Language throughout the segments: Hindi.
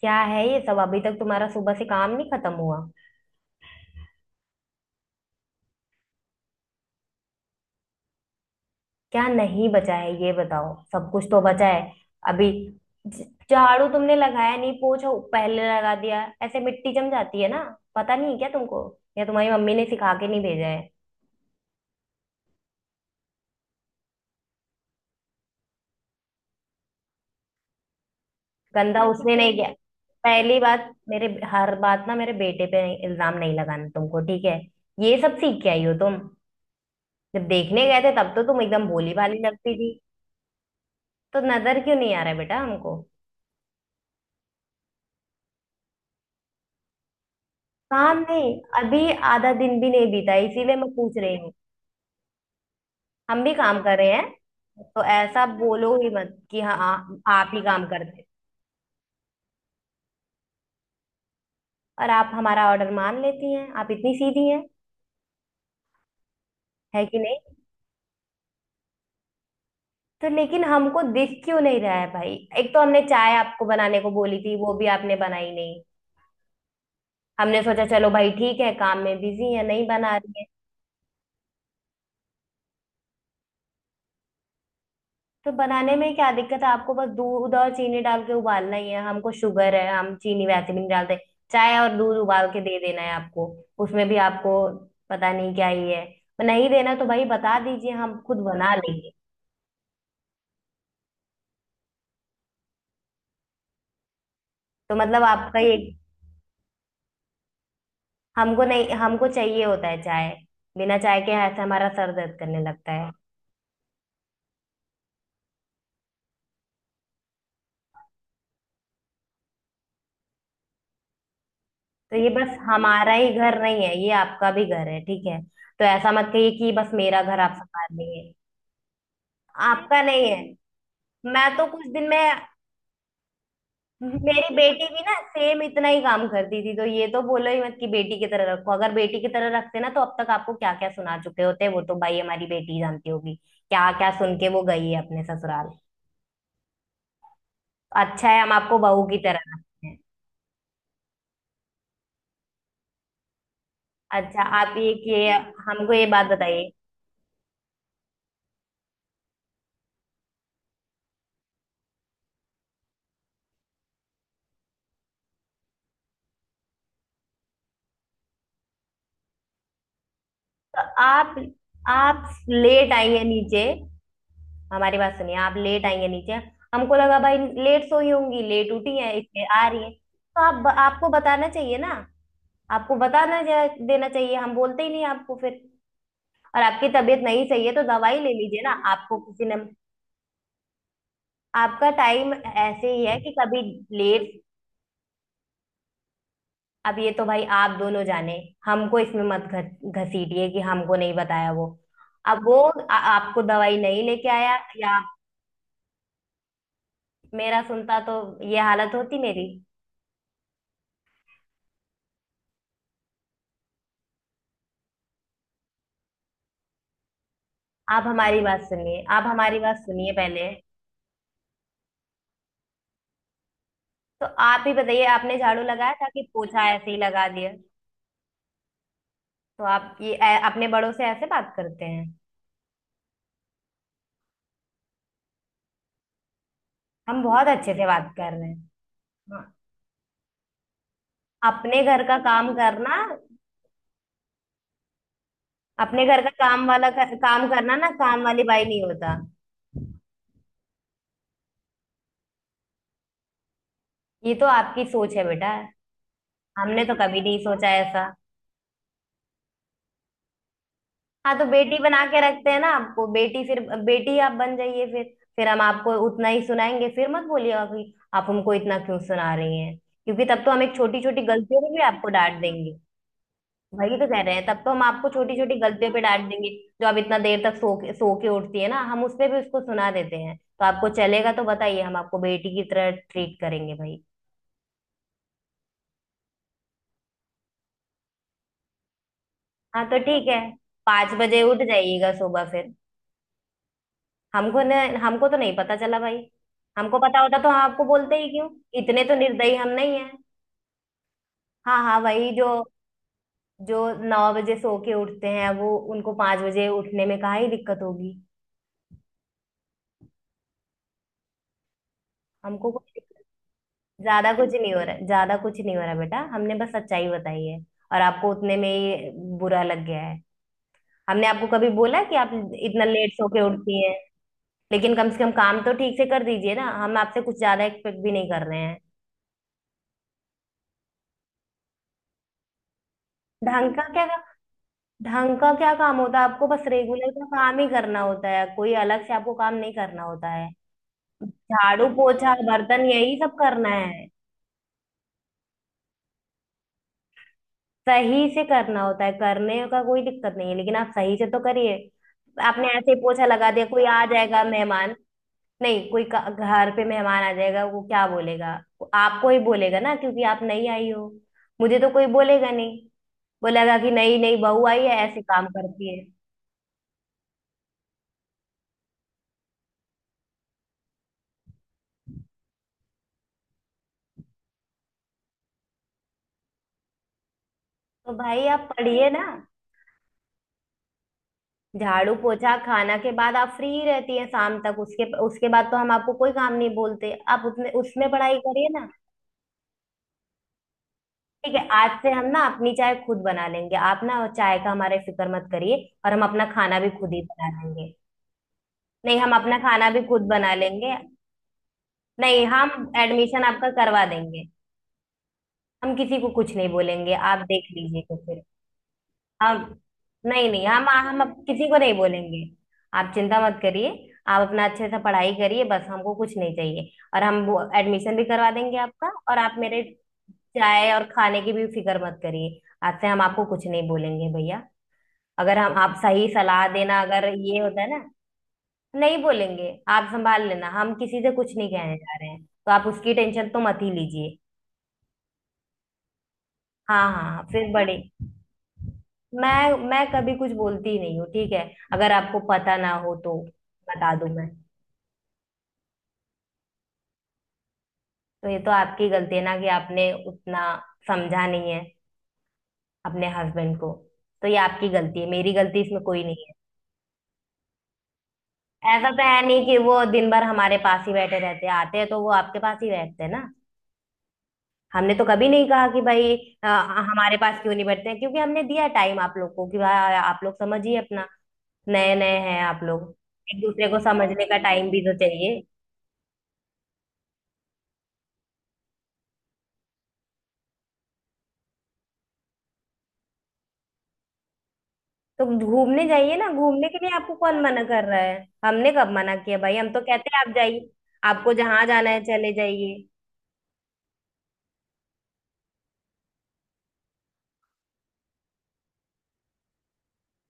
क्या है ये सब। अभी तक तुम्हारा सुबह से काम नहीं खत्म हुआ। क्या नहीं बचा है ये बताओ, सब कुछ तो बचा है। अभी ज- झाड़ू तुमने लगाया नहीं, पोछा पहले लगा दिया, ऐसे मिट्टी जम जाती है ना। पता नहीं क्या तुमको, या तुम्हारी मम्मी ने सिखा के नहीं भेजा है। गंदा देखो, उसने नहीं तुम किया। पहली बात, मेरे हर बात ना मेरे बेटे पे इल्जाम नहीं लगाना तुमको, ठीक है। ये सब सीख के आई हो तुम। जब देखने गए थे तब तो तुम एकदम भोली भाली लगती थी। तो नजर क्यों नहीं आ रहा है बेटा हमको। काम नहीं, अभी आधा दिन भी नहीं बीता है, इसीलिए मैं पूछ रही हूँ। हम भी काम कर रहे हैं। तो ऐसा बोलो ही मत कि हाँ आप ही काम करते हो। और आप हमारा ऑर्डर मान लेती हैं, आप इतनी सीधी हैं, है कि नहीं। तो लेकिन हमको दिख क्यों नहीं रहा है भाई। एक तो हमने चाय आपको बनाने को बोली थी, वो भी आपने बनाई नहीं। हमने सोचा चलो भाई ठीक है, काम में बिजी है, नहीं बना रही है। तो बनाने में क्या दिक्कत है आपको, बस दूध और चीनी डाल के उबालना ही है। हमको शुगर है, हम चीनी वैसे भी नहीं डालते। चाय और दूध उबाल के दे देना है आपको। उसमें भी आपको पता नहीं क्या ही है। नहीं देना तो भाई बता दीजिए, हम खुद बना लेंगे। तो मतलब आपका ये, हमको नहीं, हमको चाहिए होता है चाय। बिना चाय के ऐसे हमारा सर दर्द करने लगता है। तो ये बस हमारा ही घर नहीं है, ये आपका भी घर है, ठीक है। तो ऐसा मत कहिए कि बस मेरा घर आप संभाल लेंगे। आपका नहीं है। मैं तो कुछ दिन में, मेरी बेटी भी ना सेम इतना ही काम करती थी। तो ये तो बोलो ही मत कि बेटी की तरह रखो। अगर बेटी की तरह रखते ना तो अब तक आपको क्या क्या सुना चुके होते। वो तो भाई हमारी बेटी जानती होगी क्या क्या सुन के वो गई है अपने ससुराल। अच्छा है हम आपको बहू की तरह रखते हैं। अच्छा आप ये कि हमको ये बात बताइए। तो आप लेट आएंगे नीचे। हमारी बात सुनिए, आप लेट आएंगे नीचे, हमको लगा भाई लेट सोई होंगी, लेट उठी है इसलिए आ रही है। तो आप, आपको बताना चाहिए ना। आपको देना चाहिए, हम बोलते ही नहीं आपको फिर। और आपकी तबीयत नहीं सही है तो दवाई ले लीजिए ना, आपको किसी ने। आपका टाइम ऐसे ही है कि कभी लेट। अब ये तो भाई आप दोनों जाने, हमको इसमें मत घसीटिए कि हमको नहीं बताया वो। अब वो आपको दवाई नहीं लेके आया या आप। मेरा सुनता तो ये हालत होती मेरी। आप हमारी बात सुनिए, आप हमारी बात सुनिए पहले। तो आप ही बताइए आपने झाड़ू लगाया था कि पोछा ऐसे ही लगा दिया। तो आप ये अपने बड़ों से ऐसे बात करते हैं। हम बहुत अच्छे से बात कर रहे हैं। हाँ, अपने घर का काम करना। अपने घर का काम करना ना, काम वाली बाई नहीं होता। ये तो आपकी सोच है बेटा, हमने तो कभी नहीं सोचा ऐसा। हाँ तो बेटी बना के रखते हैं ना आपको, बेटी, फिर बेटी आप बन जाइए फिर। फिर हम आपको उतना ही सुनाएंगे, फिर मत बोलिएगा कि आप हमको इतना क्यों सुना रही हैं, क्योंकि तब तो हम एक छोटी छोटी गलतियों में भी आपको डांट देंगे। वही तो कह रहे हैं, तब तो हम आपको छोटी छोटी गलतियों पे डांट देंगे। जो आप इतना देर तक सो के उठती है ना, हम उस पे भी उसको सुना देते हैं। तो आपको चलेगा तो बताइए, हम आपको बेटी की तरह ट्रीट करेंगे भाई। हाँ तो ठीक है, 5 बजे उठ जाइएगा सुबह फिर। हमको न, हमको तो नहीं पता चला भाई। हमको पता होता तो हम आपको बोलते ही क्यों। इतने तो निर्दयी हम नहीं है। हाँ हाँ, वही जो, जो 9 बजे सो के उठते हैं वो उनको 5 बजे उठने में काहे ही दिक्कत होगी। हमको कुछ, ज्यादा कुछ नहीं हो रहा है, ज्यादा कुछ नहीं हो रहा है बेटा। हमने बस सच्चाई बताई है और आपको उतने में ही बुरा लग गया है। हमने आपको कभी बोला कि आप इतना लेट सो के उठती हैं। लेकिन कम से कम काम तो ठीक से कर दीजिए ना, हम आपसे कुछ ज्यादा एक्सपेक्ट भी नहीं कर रहे हैं। ढंग का क्या, ढंग का क्या काम होता है। आपको बस रेगुलर का काम ही करना होता है, कोई अलग से आपको काम नहीं करना होता है। झाड़ू पोछा बर्तन यही सब करना है। सही से करना होता है, करने का कोई दिक्कत नहीं है, लेकिन आप सही से तो करिए। आपने ऐसे ही पोछा लगा दिया, कोई आ जाएगा मेहमान। नहीं, कोई घर पे मेहमान आ जाएगा, वो क्या बोलेगा। वो आपको ही बोलेगा ना, क्योंकि आप नहीं आई हो। मुझे तो कोई बोलेगा नहीं। बोलेगा कि नहीं नहीं, बहू आई है ऐसे काम करती है। तो भाई आप पढ़िए ना। झाड़ू पोछा खाना के बाद आप फ्री रहती है शाम तक, उसके उसके बाद तो हम आपको कोई काम नहीं बोलते। आप उसमें उसमें पढ़ाई करिए ना। ठीक है, आज से हम ना अपनी चाय खुद बना लेंगे, आप ना चाय का हमारे फिक्र मत करिए। और हम अपना खाना भी खुद ही बना लेंगे। नहीं, हम अपना खाना भी खुद बना लेंगे। नहीं, हम एडमिशन आपका करवा देंगे। हम किसी को कुछ नहीं बोलेंगे, आप देख लीजिएगा फिर। हम नहीं नहीं हम किसी को नहीं बोलेंगे, आप चिंता मत करिए। आप अपना अच्छे से पढ़ाई करिए, बस हमको कुछ नहीं चाहिए, और हम वो एडमिशन भी करवा देंगे आपका। और आप मेरे चाय और खाने की भी फिक्र मत करिए। आज से हम आपको कुछ नहीं बोलेंगे भैया। अगर हम आप सही सलाह देना अगर ये होता है ना, नहीं बोलेंगे। आप संभाल लेना, हम किसी से कुछ नहीं कहने जा रहे हैं, तो आप उसकी टेंशन तो मत ही लीजिए। हाँ हाँ हाँ, फिर बड़े। मैं कभी कुछ बोलती ही नहीं हूँ ठीक है, अगर आपको पता ना हो तो बता दूं मैं। तो ये तो आपकी गलती है ना कि आपने उतना समझा नहीं है अपने हस्बैंड को। तो ये आपकी गलती है, मेरी गलती इसमें कोई नहीं है। ऐसा तो है नहीं कि वो दिन भर हमारे पास ही बैठे रहते हैं, आते हैं तो वो आपके पास ही बैठते हैं ना। हमने तो कभी नहीं कहा कि भाई अ, हमारे पास क्यों नहीं बैठते हैं, क्योंकि हमने दिया टाइम आप लोग को कि भाई आप लोग समझिए अपना। नए नए हैं आप लोग, एक दूसरे को समझने का टाइम भी तो चाहिए। तो घूमने जाइए ना, घूमने के लिए आपको कौन मना कर रहा है। हमने कब मना किया भाई, हम तो कहते हैं आप जाइए। आपको जहां जाना है चले जाइए।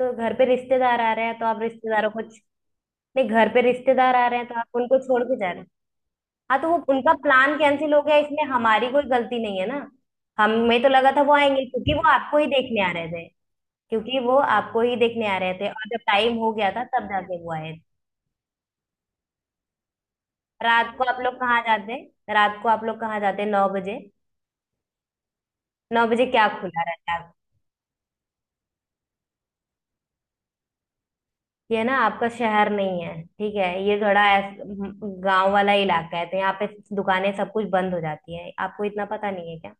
तो घर पे रिश्तेदार आ रहे हैं तो आप रिश्तेदारों को, नहीं घर पे रिश्तेदार आ रहे हैं तो आप उनको छोड़ के जा रहे हैं। हाँ तो वो उनका प्लान कैंसिल हो गया, इसमें हमारी कोई गलती नहीं है ना। हमें तो लगा था वो आएंगे क्योंकि वो आपको ही देखने आ रहे थे। क्योंकि वो आपको ही देखने आ रहे थे, और जब टाइम हो गया था तब जाके वो आए थे। रात को आप लोग कहाँ जाते। रात को आप लोग कहाँ जाते 9 बजे। नौ बजे क्या खुला रहता है। ये ना आपका शहर नहीं है ठीक है, ये थोड़ा गांव वाला इलाका है, तो यहाँ पे दुकानें सब कुछ बंद हो जाती है। आपको इतना पता नहीं है क्या।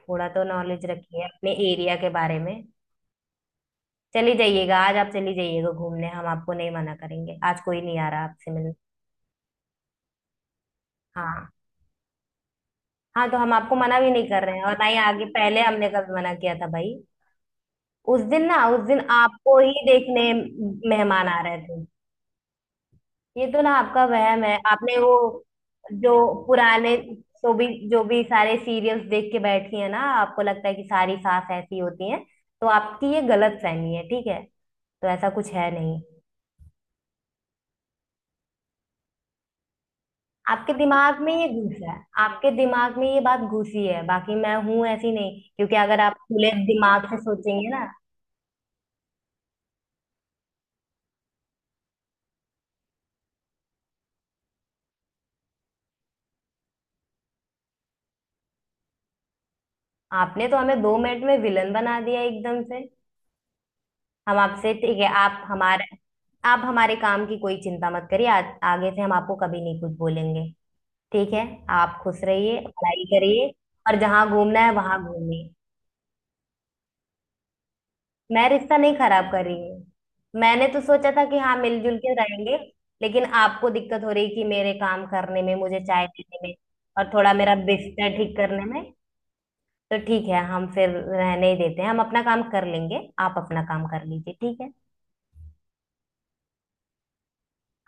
थोड़ा तो नॉलेज रखिए अपने एरिया के बारे में। चली जाइएगा आज, आप चली जाइएगा घूमने, हम आपको नहीं मना करेंगे, आज कोई नहीं आ रहा आपसे मिलने। हाँ। हाँ तो हम आपको मना भी नहीं कर रहे हैं, और ना ही आगे पहले हमने कभी मना किया था भाई। उस दिन ना, उस दिन आपको ही देखने मेहमान आ रहे थे। ये तो ना आपका वहम है। आपने वो जो पुराने, जो भी सारे सीरियल्स देख के बैठी है ना, आपको लगता है कि सारी सास ऐसी होती हैं। तो आपकी ये गलत फहमी है ठीक है, तो ऐसा कुछ है नहीं। आपके दिमाग में ये घुसा है, आपके दिमाग में ये बात घुसी है, बाकी मैं हूं ऐसी नहीं। क्योंकि अगर आप खुले दिमाग से सोचेंगे ना, आपने तो हमें 2 मिनट में विलन बना दिया एकदम से। हम आपसे ठीक है, आप हमारे, आप हमारे काम की कोई चिंता मत करिए। आगे से हम आपको कभी नहीं कुछ बोलेंगे, ठीक है। आप खुश रहिए, पढ़ाई करिए, और जहां घूमना है वहां घूमिए। मैं रिश्ता नहीं खराब कर रही हूँ, मैंने तो सोचा था कि हाँ मिलजुल के रहेंगे। लेकिन आपको दिक्कत हो रही कि मेरे काम करने में, मुझे चाय देने में, और थोड़ा मेरा बिस्तर ठीक करने में। तो ठीक है, हम फिर रहने ही देते हैं, हम अपना काम कर लेंगे आप अपना काम कर लीजिए ठीक है।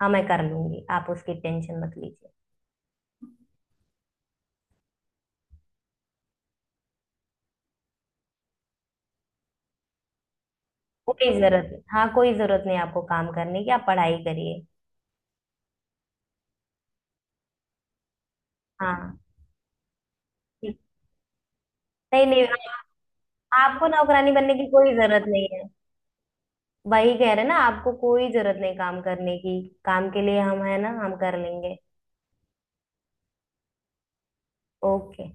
हाँ मैं कर लूंगी, आप उसकी टेंशन मत लीजिए। कोई जरूरत नहीं, हाँ कोई जरूरत नहीं आपको काम करने की, आप पढ़ाई करिए। हाँ, ठीक। नहीं नहीं आप- आपको नौकरानी बनने की कोई जरूरत नहीं है। वही कह रहे ना, आपको कोई जरूरत नहीं काम करने की। काम के लिए हम है ना, हम कर लेंगे। ओके।